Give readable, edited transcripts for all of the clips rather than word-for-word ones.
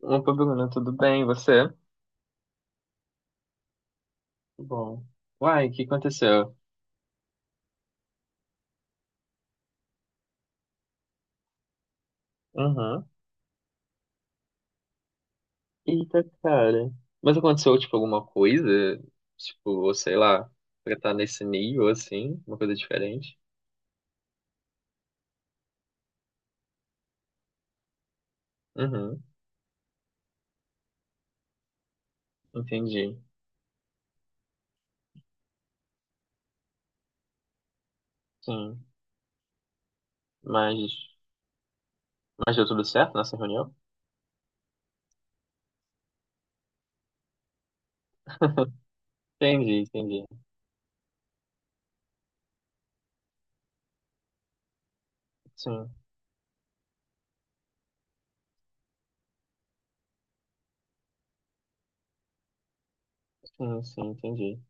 Opa, Bruno, tudo bem? E você? Bom. Uai, o que aconteceu? Uhum. Eita, cara. Mas aconteceu, tipo, alguma coisa? Tipo, ou sei lá, pra estar nesse nível, assim, uma coisa diferente? Uhum, entendi. Sim. Mas, mas deu tudo certo nessa reunião? Entendi, entendi. Sim, sim, sim, entendi.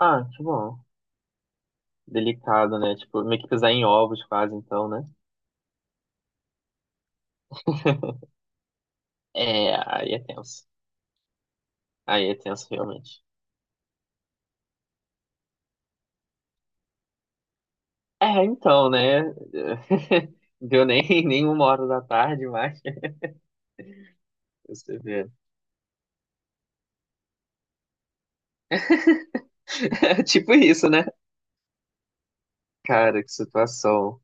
Ah, que bom. Delicado, né? Tipo, meio que pisar em ovos quase, então, né? É, aí é tenso. Aí é tenso, realmente. É, então, né? Deu nem uma hora da tarde, mas você vê. É tipo isso, né? Cara, que situação.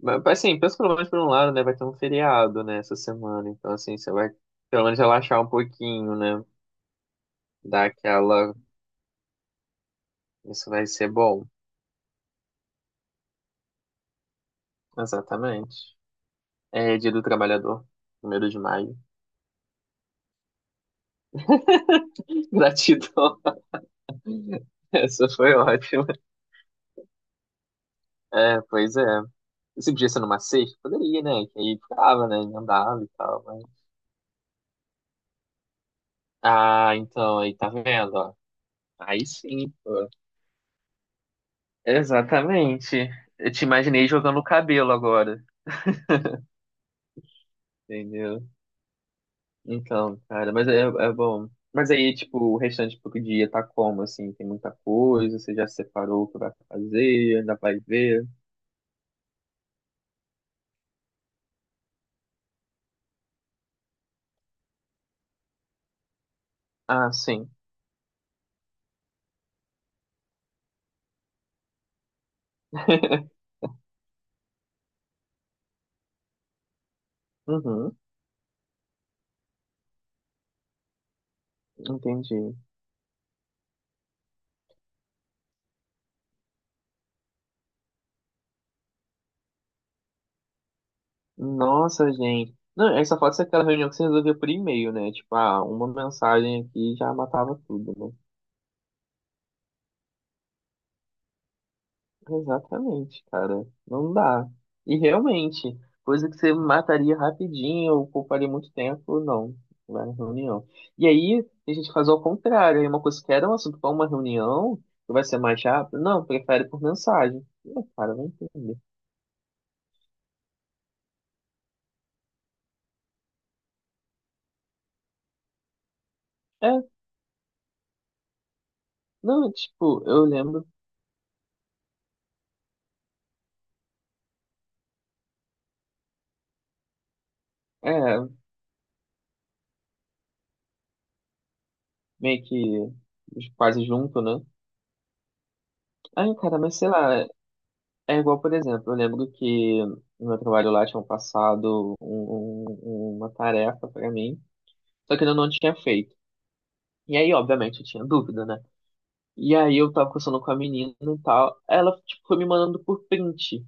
Mas assim, pensa pelo menos por um lado, né? Vai ter um feriado, né, essa semana. Então, assim, você vai pelo menos relaxar um pouquinho, né? Dar aquela. Isso vai ser bom. Exatamente. É Dia do Trabalhador, primeiro de maio. Gratidão. Essa foi ótima. É, pois é. Se podia ser numa sexta, poderia, né? Que aí ficava, né? Emendava e tal, mas... Ah, então, aí tá vendo, ó. Aí sim, pô. Exatamente. Eu te imaginei jogando o cabelo agora, entendeu? Então, cara, mas é bom. Mas aí, tipo, o restante pro dia tá como, assim? Tem muita coisa, você já separou o que vai fazer, ainda vai ver. Ah, sim. Uhum, entendi. Nossa, gente. Não, aí só falta ser aquela reunião que você resolveu por e-mail, né? Tipo, ah, uma mensagem aqui já matava tudo, né? Exatamente, cara. Não dá. E realmente, coisa que você mataria rapidinho, ou pouparia muito tempo, não. Vai na reunião. E aí, a gente faz ao contrário. Aí uma coisa que era um assunto para uma reunião, que vai ser mais rápido, não, prefere por mensagem. Não, cara, vai entender. É, não, tipo, eu lembro, é, meio que quase junto, né? Ai, cara, mas sei lá, é igual, por exemplo, eu lembro que no meu trabalho lá tinham passado uma tarefa pra mim, só que eu não tinha feito. E aí, obviamente, eu tinha dúvida, né? E aí eu tava conversando com a menina e tal, ela, tipo, foi me mandando por print,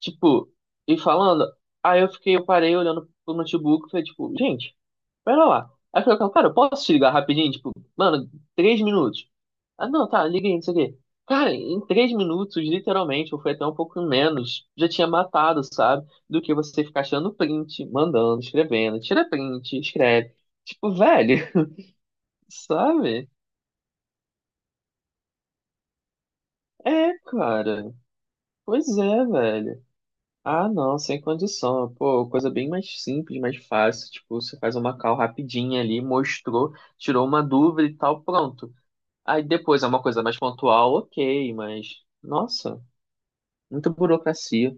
tipo, e falando, aí eu fiquei, eu parei olhando pro notebook e falei, tipo, gente, pera lá. Aí eu falei, cara, eu posso te ligar rapidinho? Tipo, mano, três minutos. Ah, não, tá, liguei, não sei o quê. Cara, em três minutos, literalmente, ou foi até um pouco menos, já tinha matado, sabe? Do que você ficar achando print, mandando, escrevendo, tira print, escreve. Tipo, velho, sabe? É, cara. Pois é, velho. Ah, não, sem condição. Pô, coisa bem mais simples, mais fácil. Tipo, você faz uma call rapidinha ali, mostrou, tirou uma dúvida e tal, pronto. Aí depois é uma coisa mais pontual, ok, mas nossa, muita burocracia.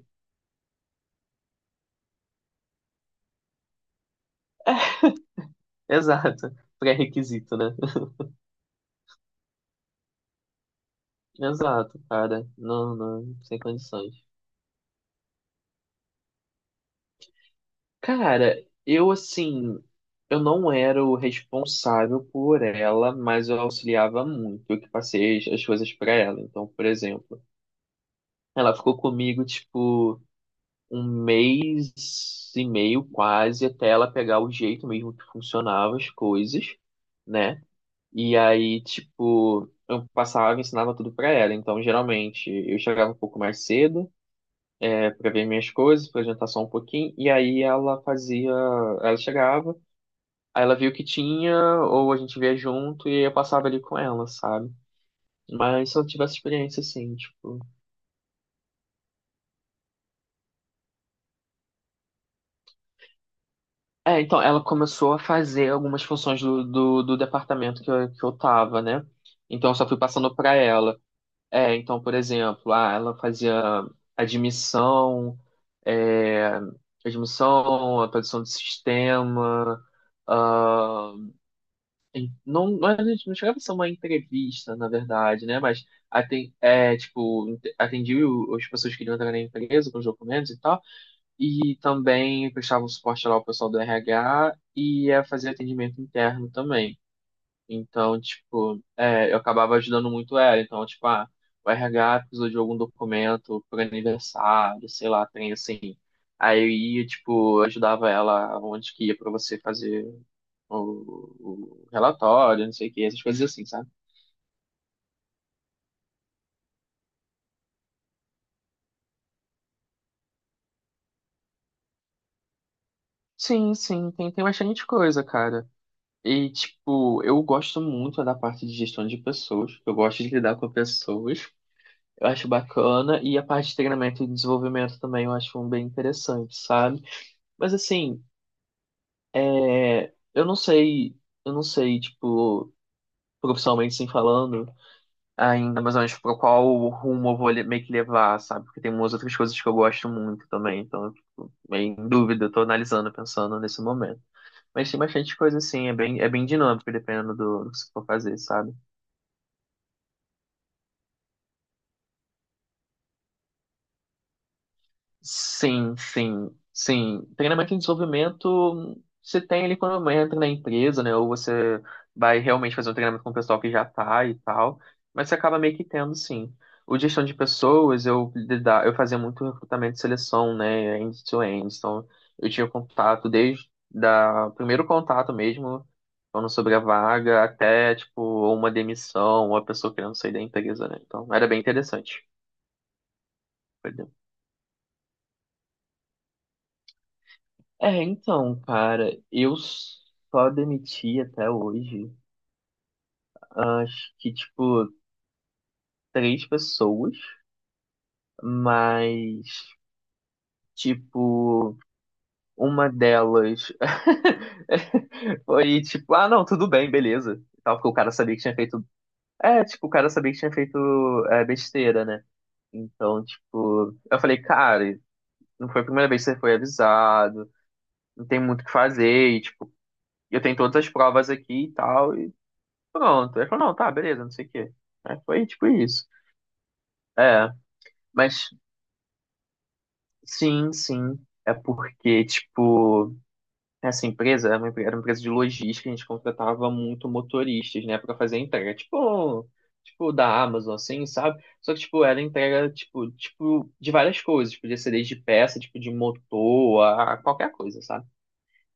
Exato. Pré-requisito, né? Exato, cara. Não, não, sem condições. Cara, eu assim, eu não era o responsável por ela, mas eu auxiliava muito, eu que passei as coisas pra ela. Então, por exemplo, ela ficou comigo tipo um mês e meio quase até ela pegar o jeito mesmo que funcionava as coisas, né? E aí, tipo, eu passava e ensinava tudo pra ela. Então, geralmente, eu chegava um pouco mais cedo, é, para ver minhas coisas, para jantar só um pouquinho. E aí ela fazia, ela chegava, aí ela via o que tinha, ou a gente via junto, e eu passava ali com ela, sabe? Mas se eu tivesse experiência, assim, tipo. É, então, ela começou a fazer algumas funções do departamento que eu tava, né? Então, eu só fui passando pra ela. É, então, por exemplo, ah, ela fazia admissão, é, admissão, atualização do sistema, ah, não, não, não chegava a ser uma entrevista, na verdade, né? Mas é, tipo, atendia as pessoas que queriam entrar na empresa com os documentos e tal, e também prestava um suporte lá ao pessoal do RH e fazia atendimento interno também. Então, tipo, é, eu acabava ajudando muito ela. Então, tipo, o RH precisou de algum documento por aniversário, sei lá, tem assim. Aí eu ia, tipo, ajudava ela onde que ia pra você fazer o, o relatório, não sei o que, essas coisas assim, sabe? Sim, sim, tem bastante coisa, cara. E, tipo, eu gosto muito da parte de gestão de pessoas. Eu gosto de lidar com pessoas. Eu acho bacana. E a parte de treinamento e desenvolvimento também eu acho bem interessante, sabe? Mas assim, é, eu não sei, tipo, profissionalmente sem falando ainda, mais ou menos pra qual rumo eu vou meio que levar, sabe? Porque tem umas outras coisas que eu gosto muito também, então, eu fico meio em dúvida, eu tô analisando, pensando nesse momento. Mas tem bastante coisa assim, é bem dinâmico, dependendo do que você for fazer, sabe? Sim, sim, sim. Treinamento em desenvolvimento você tem ele quando entra na empresa, né? Ou você vai realmente fazer um treinamento com o pessoal que já tá e tal, mas você acaba meio que tendo, sim. O gestão de pessoas, eu fazia muito recrutamento e seleção, né? End-to-end. Então, eu tinha contato desde da primeiro contato mesmo, falando sobre a vaga, até, tipo, uma demissão, uma pessoa querendo sair da empresa, né? Então, era bem interessante. É, então, cara, eu só demiti até hoje, acho que, tipo, três pessoas, mas, tipo, uma delas foi, tipo, ah, não, tudo bem, beleza. E tal, porque o cara sabia que tinha feito. É, tipo, o cara sabia que tinha feito besteira, né? Então, tipo, eu falei, cara, não foi a primeira vez que você foi avisado, não tem muito o que fazer, e, tipo, eu tenho todas as provas aqui e tal. Pronto. Ele falou, não, tá, beleza, não sei o quê. Aí foi tipo isso. É, mas sim, sim. É porque, tipo, essa empresa era era uma empresa de logística, a gente contratava muito motoristas, né, pra fazer entrega. Tipo da Amazon, assim, sabe? Só que, tipo, era entrega, tipo, de várias coisas. Podia ser desde peça, tipo, de motor, a qualquer coisa, sabe?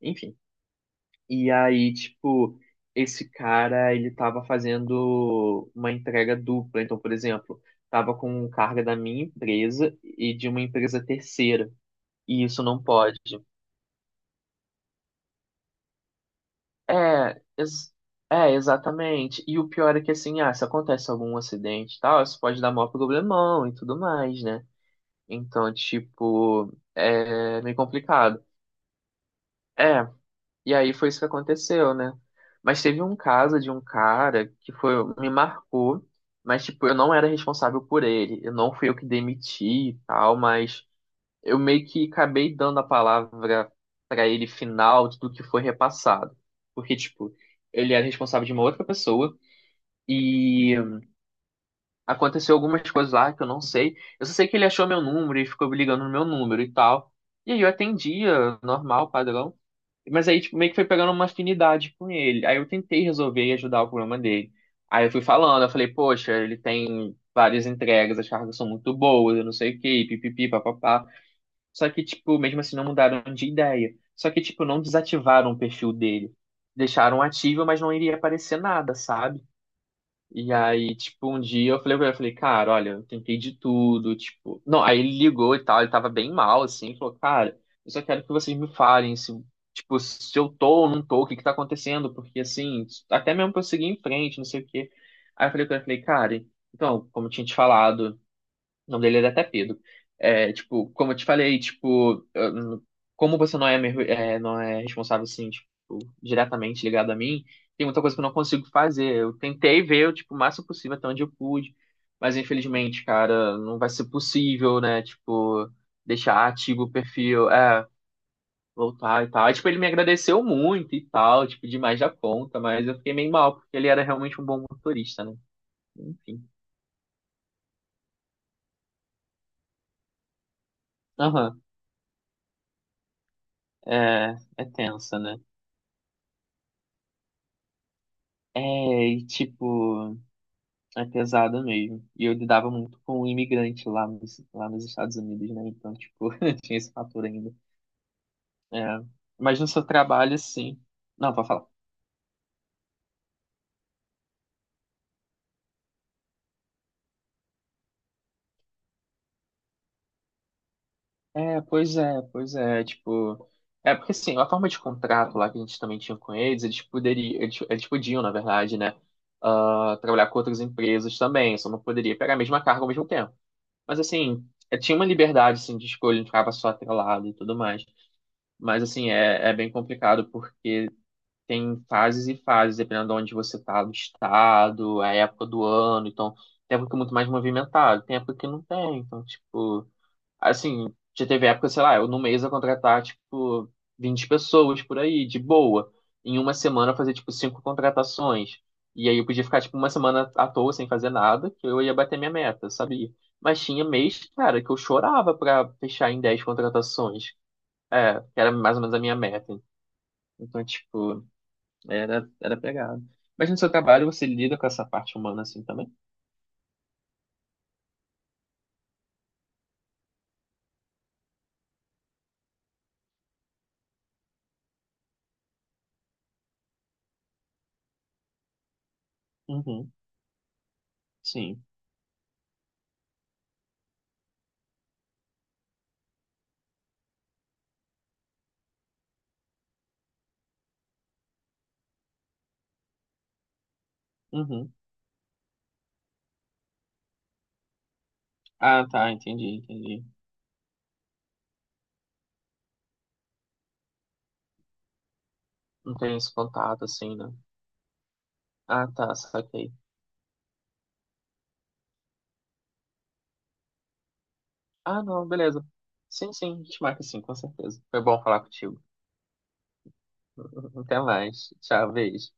Enfim. E aí, tipo, esse cara, ele tava fazendo uma entrega dupla. Então, por exemplo, tava com carga da minha empresa e de uma empresa terceira. E isso não pode. É, ex- é, exatamente. E o pior é que, assim, se acontece algum acidente e tal, isso pode dar maior problemão e tudo mais, né? Então, tipo, é meio complicado. É. E aí foi isso que aconteceu, né? Mas teve um caso de um cara que foi, me marcou, mas tipo, eu não era responsável por ele. Eu não fui eu que demiti e tal, mas eu meio que acabei dando a palavra pra ele final do que foi repassado. Porque, tipo, ele era responsável de uma outra pessoa e aconteceu algumas coisas lá que eu não sei. Eu só sei que ele achou meu número e ficou ligando no meu número e tal. E aí eu atendia, normal, padrão. Mas aí, tipo, meio que foi pegando uma afinidade com ele. Aí eu tentei resolver e ajudar o problema dele. Aí eu fui falando, eu falei, poxa, ele tem várias entregas, as cargas são muito boas, eu não sei o quê, pipipi, papapá. Só que, tipo, mesmo assim não mudaram de ideia. Só que, tipo, não desativaram o perfil dele. Deixaram ativo, mas não iria aparecer nada, sabe? E aí, tipo, um dia eu falei pra ele, eu falei, cara, olha, eu tentei de tudo, tipo. Não, aí ele ligou e tal, ele tava bem mal, assim, falou, cara, eu só quero que vocês me falem se, tipo, se eu tô ou não tô, o que que tá acontecendo, porque assim, até mesmo pra eu seguir em frente, não sei o quê. Aí eu falei com ele, eu falei, cara, então, como eu tinha te falado. O nome dele era até Pedro. É, tipo, como eu te falei, tipo, eu como você não é, é, não é responsável, assim, tipo, diretamente ligado a mim, tem muita coisa que eu não consigo fazer. Eu tentei ver, tipo, o máximo possível até onde eu pude, mas infelizmente, cara, não vai ser possível, né? Tipo, deixar ativo o perfil, é, voltar e tal. Aí, tipo, ele me agradeceu muito e tal, tipo, demais da conta, mas eu fiquei meio mal, porque ele era realmente um bom motorista, né? Enfim. Aham, é tensa, né? É, e tipo, é pesado mesmo. E eu lidava muito com um imigrante lá nos Estados Unidos, né? Então, tipo, tinha esse fator ainda. É. Mas no seu trabalho, sim. Não, pode falar. É, pois é, pois é, tipo. É porque assim, a forma de contrato lá que a gente também tinha com eles, eles podiam, na verdade, né? Trabalhar com outras empresas também, só não poderia pegar a mesma carga ao mesmo tempo. Mas assim, tinha uma liberdade assim, de escolha, não ficava só atrelado e tudo mais. Mas assim, é bem complicado porque tem fases e fases, dependendo de onde você tá, do estado, é a época do ano, então tem época que é muito mais movimentado, tem época que não tem, então, tipo, assim, já teve época, sei lá, eu no mês ia contratar, tipo, 20 pessoas por aí, de boa. Em uma semana eu fazia, tipo, cinco contratações. E aí eu podia ficar, tipo, uma semana à toa sem fazer nada, que eu ia bater minha meta, sabia? Mas tinha mês, cara, que eu chorava pra fechar em 10 contratações. É, que era mais ou menos a minha meta. Então, tipo, era pegado. Mas no seu trabalho você lida com essa parte humana assim também? Uhum, sim. Uhum. Ah, tá, entendi, entendi. Não tem esse contato assim, né? Ah, tá, saquei. Ah, não, beleza. Sim, sim, a gente marca sim, com certeza. Foi bom falar contigo. Até mais. Tchau, beijo.